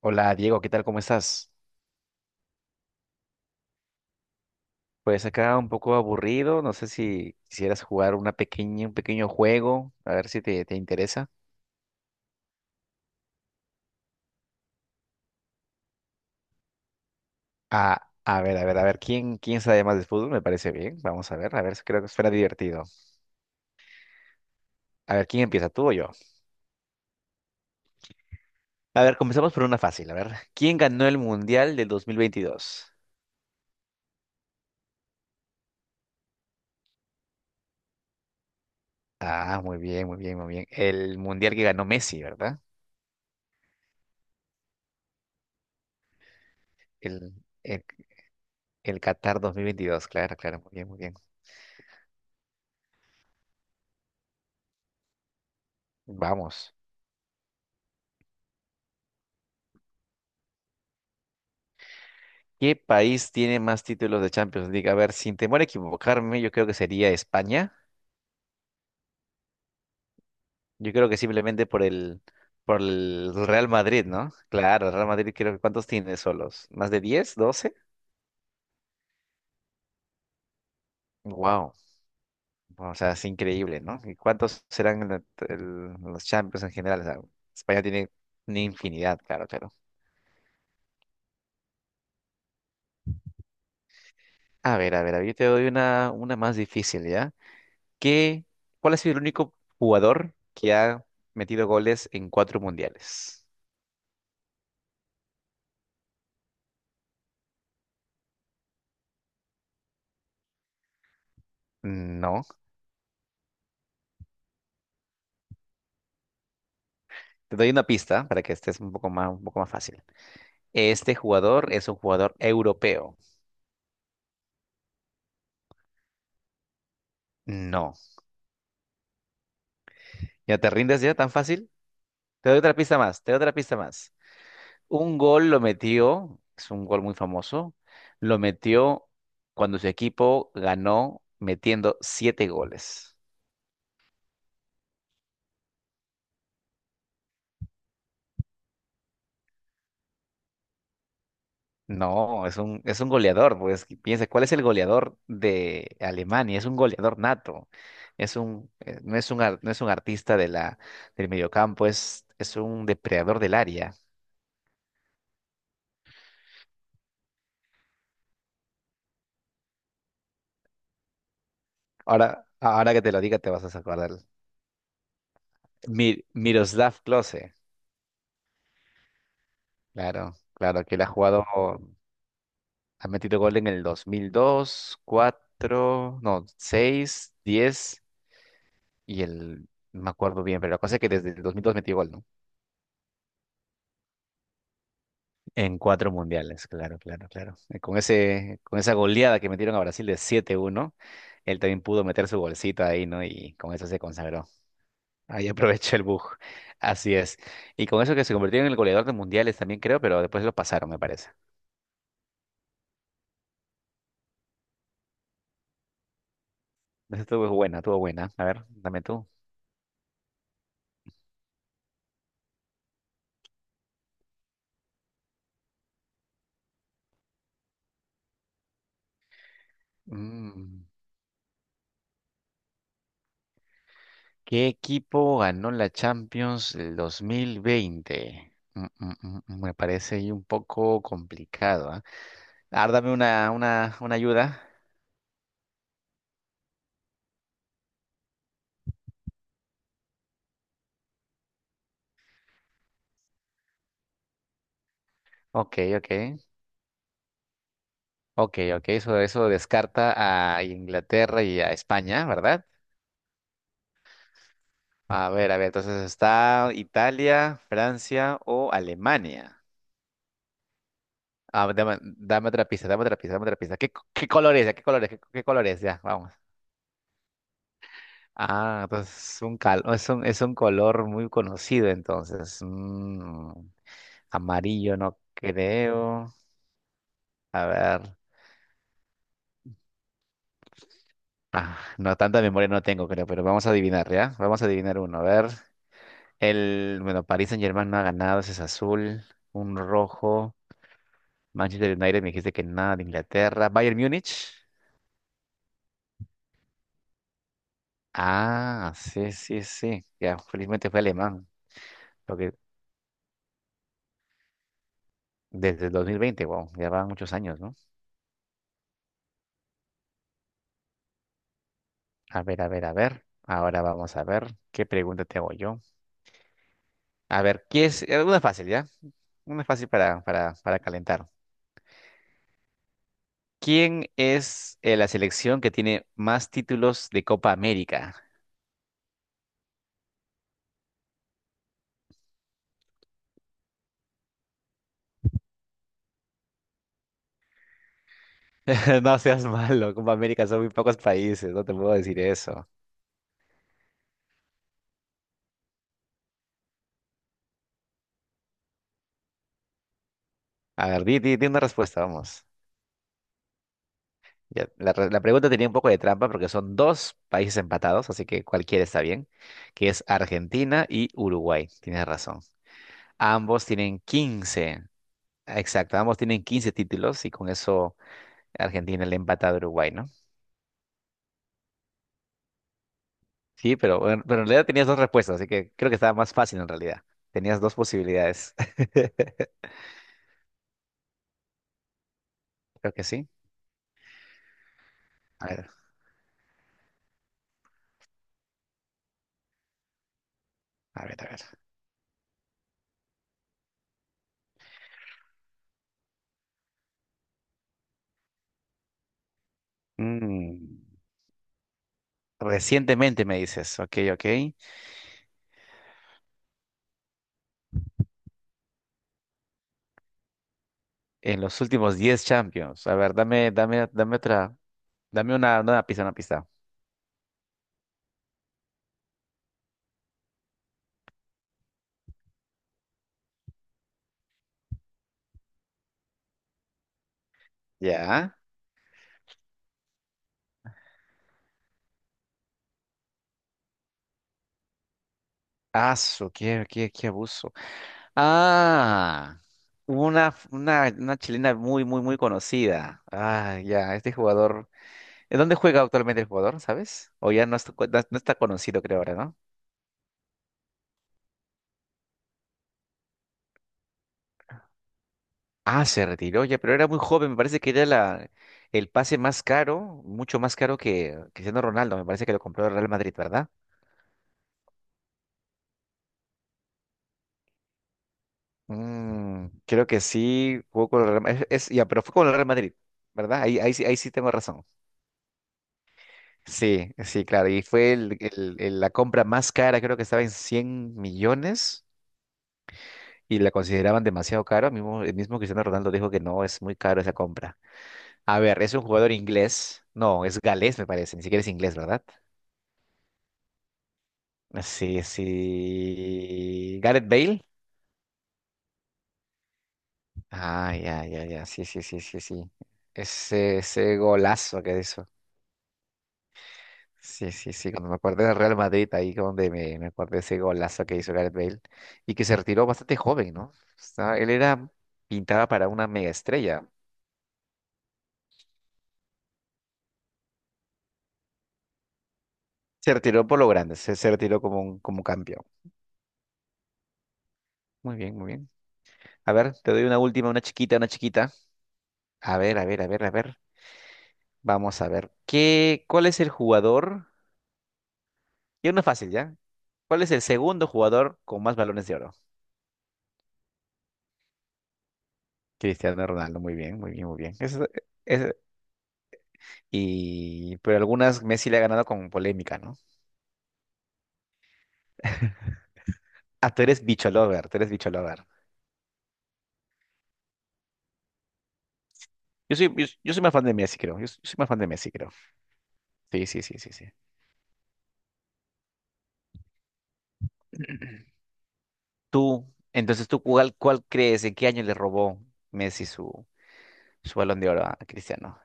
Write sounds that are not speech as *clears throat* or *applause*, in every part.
Hola Diego, ¿qué tal? ¿Cómo estás? Pues acá un poco aburrido, no sé si quisieras jugar una pequeña, un pequeño juego, a ver si te interesa. Ah, a ver, a ver, a ver, ¿quién sabe más de fútbol? Me parece bien, vamos a ver, creo que suena divertido. A ver, ¿quién empieza, tú o yo? A ver, comenzamos por una fácil, a ver, ¿quién ganó el Mundial del 2022? Ah, muy bien, muy bien, muy bien. El Mundial que ganó Messi, ¿verdad? El, el, el Qatar 2022. Claro, claro, muy bien, muy bien. Vamos. ¿Qué país tiene más títulos de Champions League? A ver, sin temor a equivocarme, yo creo que sería España. Yo creo que simplemente por el Real Madrid, ¿no? Claro, el Real Madrid creo que ¿cuántos tiene solos? ¿Más de 10, doce? Wow. O sea, es increíble, ¿no? ¿Y cuántos serán los Champions en general? O sea, España tiene una infinidad, claro, claro. A ver, a ver, a ver, yo te doy una más difícil, ¿ya? ¿Qué, ¿cuál ha sido el único jugador que ha metido goles en cuatro mundiales? No. Te doy una pista para que estés un poco más fácil. Este jugador es un jugador europeo. No. ¿Ya te rindes ya tan fácil? Te doy otra pista más, te doy otra pista más. Un gol lo metió, es un gol muy famoso, lo metió cuando su equipo ganó metiendo siete goles. No, es un goleador, pues que piensa, ¿cuál es el goleador de Alemania? Es un goleador nato, es un, no es un, ar- no es un artista de del mediocampo, es un depredador del área. Ahora, ahora que te lo diga te vas a acordar. Miroslav Klose, claro, claro, que él ha jugado, ha metido gol en el 2002, 4 no, 6 10 y el, no me acuerdo bien, pero la cosa es que desde el 2002 metió gol, ¿no? En cuatro mundiales, claro, claro, claro. Con ese, con esa goleada que metieron a Brasil de siete uno, él también pudo meter su bolsita ahí, ¿no? Y con eso se consagró. Ahí *laughs* aprovechó el bug. Así es. Y con eso que se convirtió en el goleador de mundiales también, creo, pero después lo pasaron, me parece. Esa estuvo buena, estuvo buena. A ver, dame tú. Mm, ¿Qué equipo ganó la Champions el 2020? Me parece ahí un poco complicado, ¿ah? A ver, dame una ayuda. Ok, ok. Ok, ok, eso descarta a Inglaterra y a España, ¿verdad? A ver, entonces está Italia, Francia o Alemania. Ah, dame, dame otra pista, dame otra pista, dame otra pista. ¿Qué color es? ¿Ya? ¿Qué color es? ¿Qué color es? Ya, vamos. Ah, entonces es un, cal- no, es un color muy conocido, entonces. Mm, amarillo, no creo. A ver. Ah, no, tanta memoria no tengo, creo, pero vamos a adivinar, ¿ya? Vamos a adivinar uno, a ver. El, bueno, Paris Saint-Germain no ha ganado, ese es azul, un rojo. Manchester United me dijiste que nada de Inglaterra. Bayern Múnich. Ah, sí, sí, sí. Ya, felizmente fue alemán. Lo que desde el 2020, wow, ya van muchos años, ¿no? A ver, a ver, a ver. Ahora vamos a ver qué pregunta te hago yo. A ver, ¿quién es? Una fácil, ¿ya? Una fácil para calentar. ¿Quién es la selección que tiene más títulos de Copa América? *laughs* No seas malo, Copa América son muy pocos países, no te puedo decir eso. A ver, di una respuesta, vamos. Ya, la pregunta tenía un poco de trampa porque son dos países empatados, así que cualquiera está bien, que es Argentina y Uruguay, tienes razón. Ambos tienen 15. Exacto, ambos tienen 15 títulos y con eso Argentina le empata a Uruguay, ¿no? Sí, pero, bueno, pero en realidad tenías dos respuestas, así que creo que estaba más fácil en realidad. Tenías dos posibilidades. *laughs* Creo que sí. A ver, a ver, a ver. Mm. Recientemente me dices, ok, ok. En los últimos 10 Champions. A ver, dame otra, dame una pista, una pista. Ya. Ah, su, qué abuso. Ah, una chilena muy, muy, muy conocida. Ah, ya, este jugador. ¿En dónde juega actualmente el jugador, sabes? O ya no está, no está conocido, creo ahora, ¿no? Ah, se retiró ya, pero era muy joven. Me parece que era el pase más caro, mucho más caro que Cristiano Ronaldo. Me parece que lo compró el Real Madrid, ¿verdad? Mm, creo que sí, jugó con el Real Madrid. Ya, pero fue con el Real Madrid, ¿verdad? Ahí sí tengo razón. Sí, sí, claro. Y fue la compra más cara, creo que estaba en 100 millones y la consideraban demasiado caro. Mismo, el mismo Cristiano Ronaldo dijo que no, es muy caro esa compra. A ver, es un jugador inglés. No, es galés, me parece. Ni siquiera es inglés, ¿verdad? Sí, sí. Gareth Bale. Ah, ya, ya, ya. Sí, sí, sí, sí, sí. Ese golazo que hizo. Sí, sí, sí, cuando me acuerdo del Real Madrid, ahí donde me acuerdo de ese golazo que hizo Gareth Bale y que se retiró bastante joven, ¿no? O sea, él era pintaba para una mega estrella. Se retiró por lo grande, se retiró como un campeón. Muy bien, muy bien. A ver, te doy una última, una chiquita, una chiquita. A ver, a ver, a ver, a ver. Vamos a ver. ¿Qué, cuál es el jugador? Y uno fácil, ¿ya? ¿Cuál es el segundo jugador con más balones de oro? Cristiano Ronaldo, muy bien, muy bien, muy bien. Eso, y, pero algunas Messi le ha ganado con polémica, ¿no? Ah, tú eres bicho lover, tú eres bicho lover. Yo soy más fan de Messi, creo. Yo soy más fan de Messi, creo. Sí, sí, sí, sí, sí. *clears throat* Tú, entonces, ¿cuál crees? ¿En qué año le robó Messi su balón de oro a Cristiano?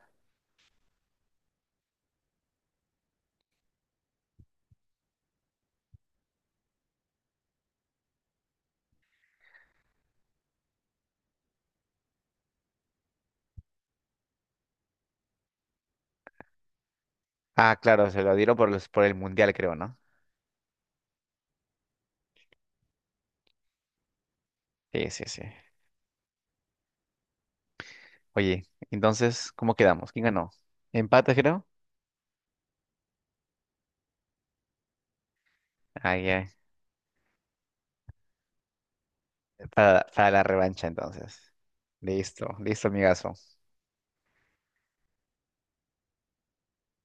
Ah, claro, se lo dieron por los, por el Mundial, creo, ¿no? Sí, sí, sí. Oye, entonces, ¿cómo quedamos? ¿Quién ganó? ¿Empate, creo? Ah, ya. Para la revancha, entonces. Listo, listo, amigazo.